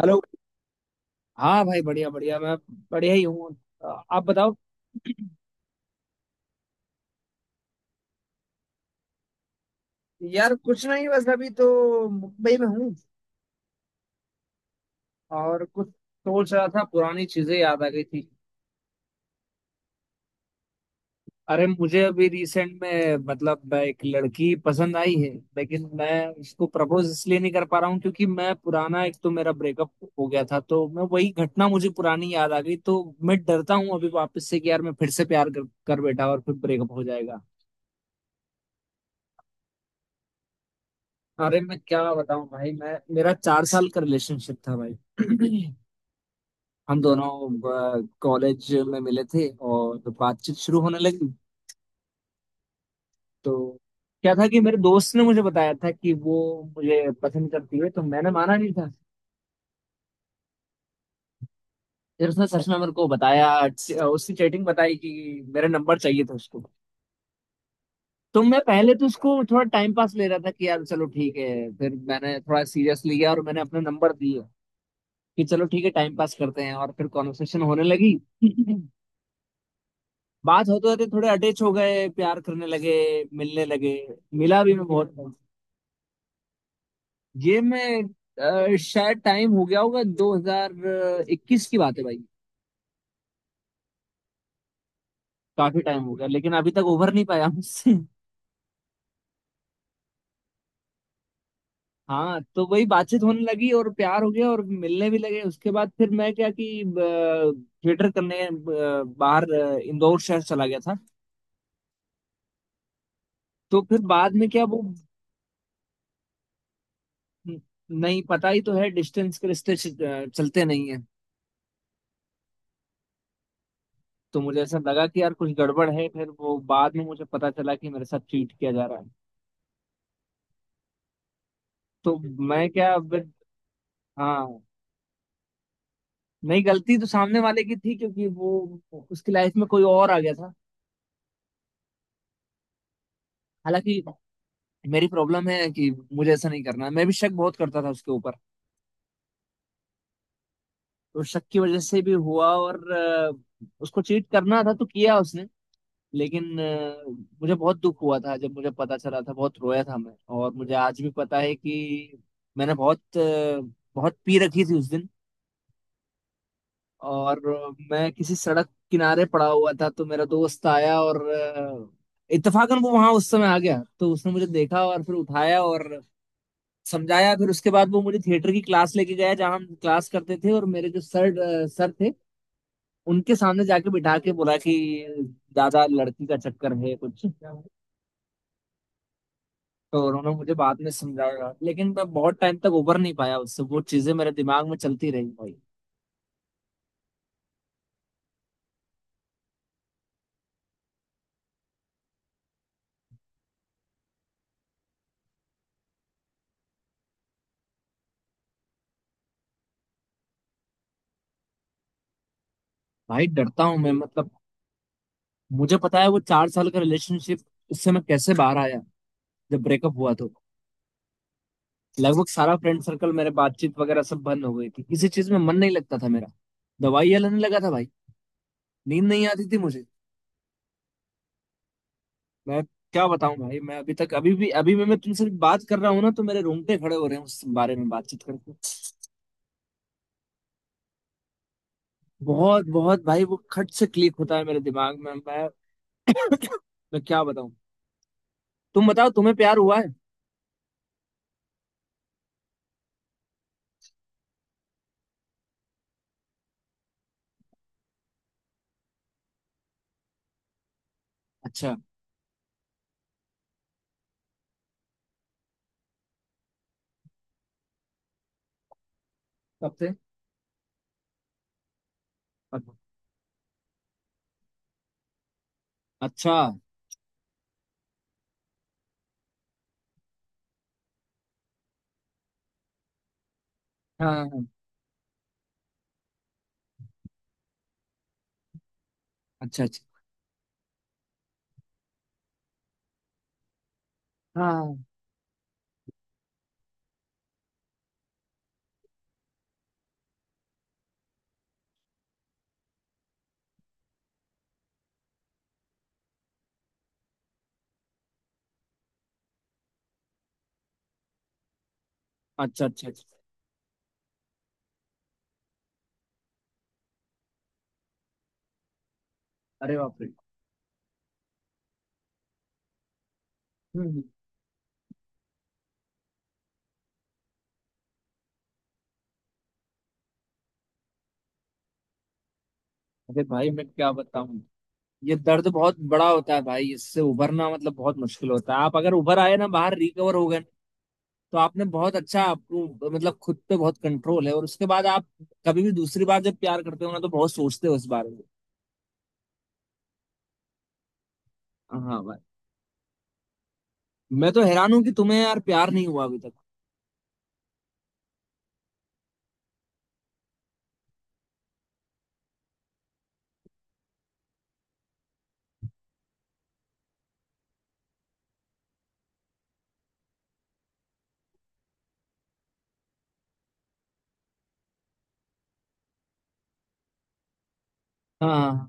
Hello. हाँ भाई बढ़िया बढ़िया, मैं बढ़िया ही हूँ। आप बताओ। यार कुछ नहीं, बस अभी तो मुंबई में हूँ। और कुछ सोच रहा था, पुरानी चीजें याद आ गई थी। अरे मुझे अभी रिसेंट में मतलब एक लड़की पसंद आई है, लेकिन मैं उसको प्रपोज इसलिए नहीं कर पा रहा हूँ क्योंकि मैं पुराना, एक तो मेरा ब्रेकअप हो गया था, तो मैं वही घटना मुझे पुरानी याद आ गई, तो मैं डरता हूँ अभी वापस से कि यार मैं फिर से प्यार कर बैठा और फिर ब्रेकअप हो जाएगा। अरे मैं क्या बताऊं भाई, मैं मेरा 4 साल का रिलेशनशिप था भाई। हम दोनों कॉलेज में मिले थे और तो बातचीत शुरू होने लगी। तो क्या था कि मेरे दोस्त ने मुझे बताया था कि वो मुझे पसंद करती है, तो मैंने माना नहीं था। फिर उसने सच में मेरे को बताया, उसकी चैटिंग बताई कि मेरा नंबर चाहिए था उसको। तो मैं पहले तो उसको थोड़ा टाइम पास ले रहा था कि यार चलो ठीक है। फिर मैंने थोड़ा सीरियस लिया और मैंने अपना नंबर दिया कि चलो ठीक है टाइम पास करते हैं, और फिर कॉन्वर्सेशन होने लगी। बात होते होते थोड़े अटैच हो गए, प्यार करने लगे, मिलने लगे। मिला भी मैं बहुत कम। ये मैं शायद टाइम हो गया होगा, 2021 की बात है भाई। काफी टाइम हो गया, लेकिन अभी तक उभर नहीं पाया मुझसे। हाँ तो वही बातचीत होने लगी और प्यार हो गया और मिलने भी लगे। उसके बाद फिर मैं क्या कि थिएटर करने बाहर इंदौर शहर चला गया था। तो फिर बाद में क्या वो, नहीं पता ही तो है, डिस्टेंस के रिश्ते चलते नहीं है। तो मुझे ऐसा लगा कि यार कुछ गड़बड़ है, फिर वो बाद में मुझे पता चला कि मेरे साथ चीट किया जा रहा है। तो मैं क्या अब। हाँ। नहीं, गलती तो सामने वाले की थी क्योंकि वो, उसकी लाइफ में कोई और आ गया था। हालांकि मेरी प्रॉब्लम है कि मुझे ऐसा नहीं करना है। मैं भी शक बहुत करता था उसके ऊपर। तो शक की वजह से भी हुआ और उसको चीट करना था तो किया उसने। लेकिन मुझे बहुत दुख हुआ था जब मुझे पता चला था, बहुत रोया था मैं। और मुझे आज भी पता है कि मैंने बहुत पी रखी थी उस दिन। और मैं किसी सड़क किनारे पड़ा हुआ था, तो मेरा दोस्त आया और इत्तेफाकन वो वहां उस समय आ गया, तो उसने मुझे देखा और फिर उठाया और समझाया। फिर उसके बाद वो मुझे थिएटर की क्लास लेके गया जहाँ हम क्लास करते थे, और मेरे जो सर थे उनके सामने जाके बिठा के बोला कि दादा लड़की का चक्कर है कुछ। तो उन्होंने मुझे बाद में समझाया, लेकिन मैं बहुत टाइम तक उबर नहीं पाया उससे। वो चीजें मेरे दिमाग में चलती रही भाई। भाई डरता हूँ मैं, मतलब मुझे पता है वो 4 साल का रिलेशनशिप, उससे मैं कैसे बाहर आया जब ब्रेकअप हुआ तो। लगभग सारा फ्रेंड सर्कल, मेरे बातचीत वगैरह सब बंद हो गई थी, किसी चीज में मन नहीं लगता था मेरा। दवाइयाँ लेने लगा था भाई। नींद नहीं आती थी मुझे। मैं क्या बताऊं भाई, मैं अभी तक, अभी भी मैं तुमसे बात कर रहा हूँ ना तो मेरे रोंगटे खड़े हो रहे हैं उस बारे में बातचीत करके। बहुत बहुत भाई, वो खट से क्लिक होता है मेरे दिमाग में। मैं मैं क्या बताऊं। तुम बताओ, तुम्हें प्यार हुआ है। अच्छा। कब से। अच्छा हाँ। हाँ, हाँ। अच्छा अच्छा। हाँ हाँ। अच्छा अच्छा अच्छा। अरे बाप रे। हम्म हम्म। अरे भाई मैं क्या बताऊं। ये दर्द बहुत बड़ा होता है भाई, इससे उभरना मतलब बहुत मुश्किल होता है। आप अगर उभर आए ना, बाहर रिकवर हो गए, तो आपने बहुत अच्छा, आपको मतलब खुद पे बहुत कंट्रोल है। और उसके बाद आप कभी भी दूसरी बार जब प्यार करते हो ना, तो बहुत सोचते हो इस बारे में। हाँ भाई। मैं तो हैरान हूँ कि तुम्हें यार प्यार नहीं हुआ अभी तक। हाँ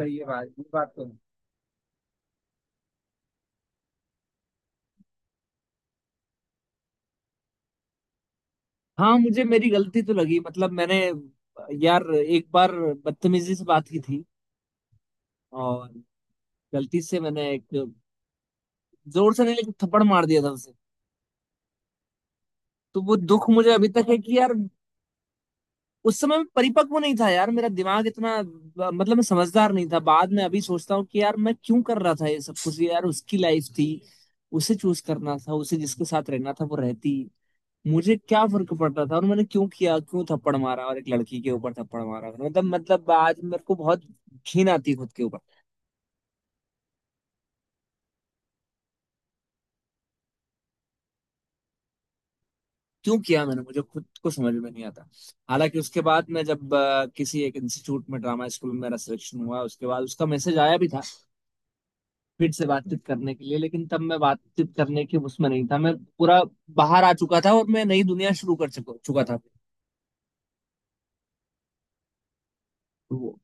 सही है भाई, ये बात तो है। हाँ मुझे मेरी गलती तो लगी, मतलब मैंने, यार एक बार बदतमीजी से बात की थी। और गलती से मैंने एक, जोर से नहीं, लेकिन थप्पड़ मार दिया था उसे। तो वो दुख मुझे अभी तक है कि यार उस समय मैं परिपक्व नहीं था यार, मेरा दिमाग इतना, मतलब मैं समझदार नहीं था। बाद में अभी सोचता हूँ कि यार मैं क्यों कर रहा था ये सब कुछ, यार उसकी लाइफ थी, उसे चूज करना था, उसे जिसके साथ रहना था वो रहती। मुझे क्या फर्क पड़ता था। और मैंने क्यों किया, क्यों थप्पड़ मारा, और एक लड़की के ऊपर थप्पड़ मारा, मतलब मतलब आज मेरे को बहुत घिन आती है खुद के ऊपर। क्यों किया मैंने, मुझे खुद को समझ में नहीं आता। हालांकि उसके बाद मैं जब किसी एक इंस्टीट्यूट में, ड्रामा स्कूल में मेरा सिलेक्शन हुआ, उसके बाद उसका मैसेज आया भी था फिर से बातचीत करने के लिए, लेकिन तब मैं बातचीत करने के उसमें नहीं था। मैं पूरा बाहर आ चुका था और मैं नई दुनिया शुरू कर चुका चुका था। तो वो।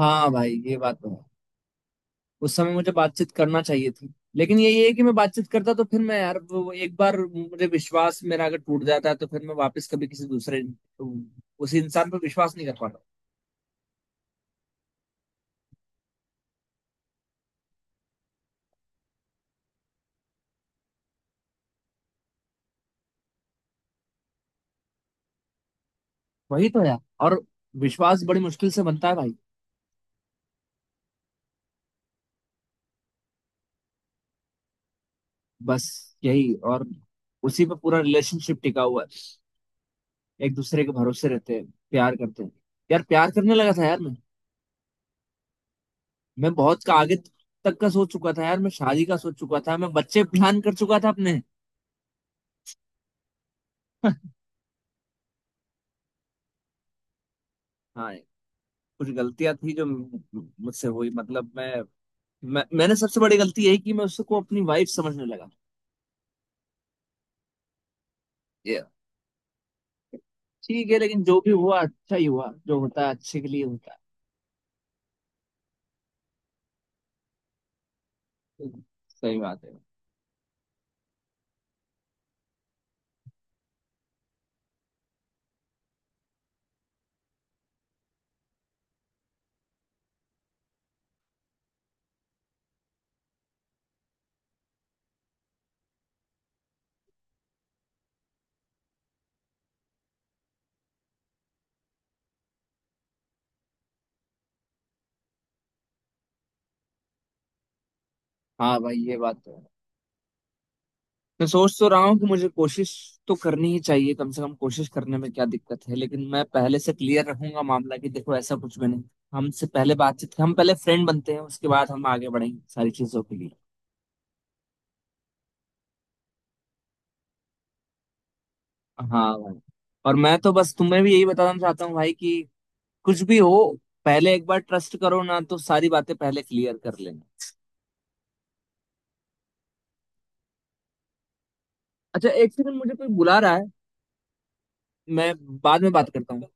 हाँ भाई ये बात तो है। उस समय मुझे बातचीत करना चाहिए थी, लेकिन यही है कि मैं बातचीत करता तो फिर मैं यार, वो एक बार मुझे विश्वास, मेरा अगर टूट जाता है तो फिर मैं वापस कभी किसी दूसरे, उसी इंसान पर विश्वास नहीं कर पाता। वही तो यार। और विश्वास बड़ी मुश्किल से बनता है भाई। बस यही। और उसी पे पूरा रिलेशनशिप टिका हुआ है, एक दूसरे के भरोसे रहते हैं, प्यार करते हैं। यार प्यार करने लगा था यार मैं। मैं बहुत का आगे तक का सोच चुका था यार, मैं शादी का सोच चुका था, मैं बच्चे प्लान कर चुका था अपने। हाँ। कुछ गलतियां थी जो मुझसे हुई, मतलब मैं मैंने सबसे बड़ी गलती यही की, मैं उसको अपनी वाइफ समझने लगा। ये ठीक है, लेकिन जो भी हुआ अच्छा ही हुआ, जो होता है अच्छे के लिए होता है। सही बात है। हाँ भाई ये बात तो है। मैं सोच तो रहा हूँ कि मुझे कोशिश तो करनी ही चाहिए, कम से कम कोशिश करने में क्या दिक्कत है। लेकिन मैं पहले से क्लियर रखूंगा मामला कि देखो ऐसा कुछ भी नहीं, हमसे पहले बातचीत, हम पहले फ्रेंड बनते हैं, उसके बाद हम आगे बढ़ेंगे सारी चीजों के लिए। हाँ भाई। और मैं तो बस तुम्हें भी यही बताना चाहता हूँ भाई कि कुछ भी हो, पहले एक बार ट्रस्ट करो ना, तो सारी बातें पहले क्लियर कर लेना। अच्छा 1 सेकंड, मुझे कोई बुला रहा है। मैं बाद में बात करता हूँ।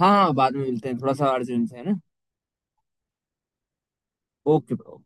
हाँ हाँ बाद में मिलते हैं, थोड़ा सा अर्जेंट है ना। Okay bro.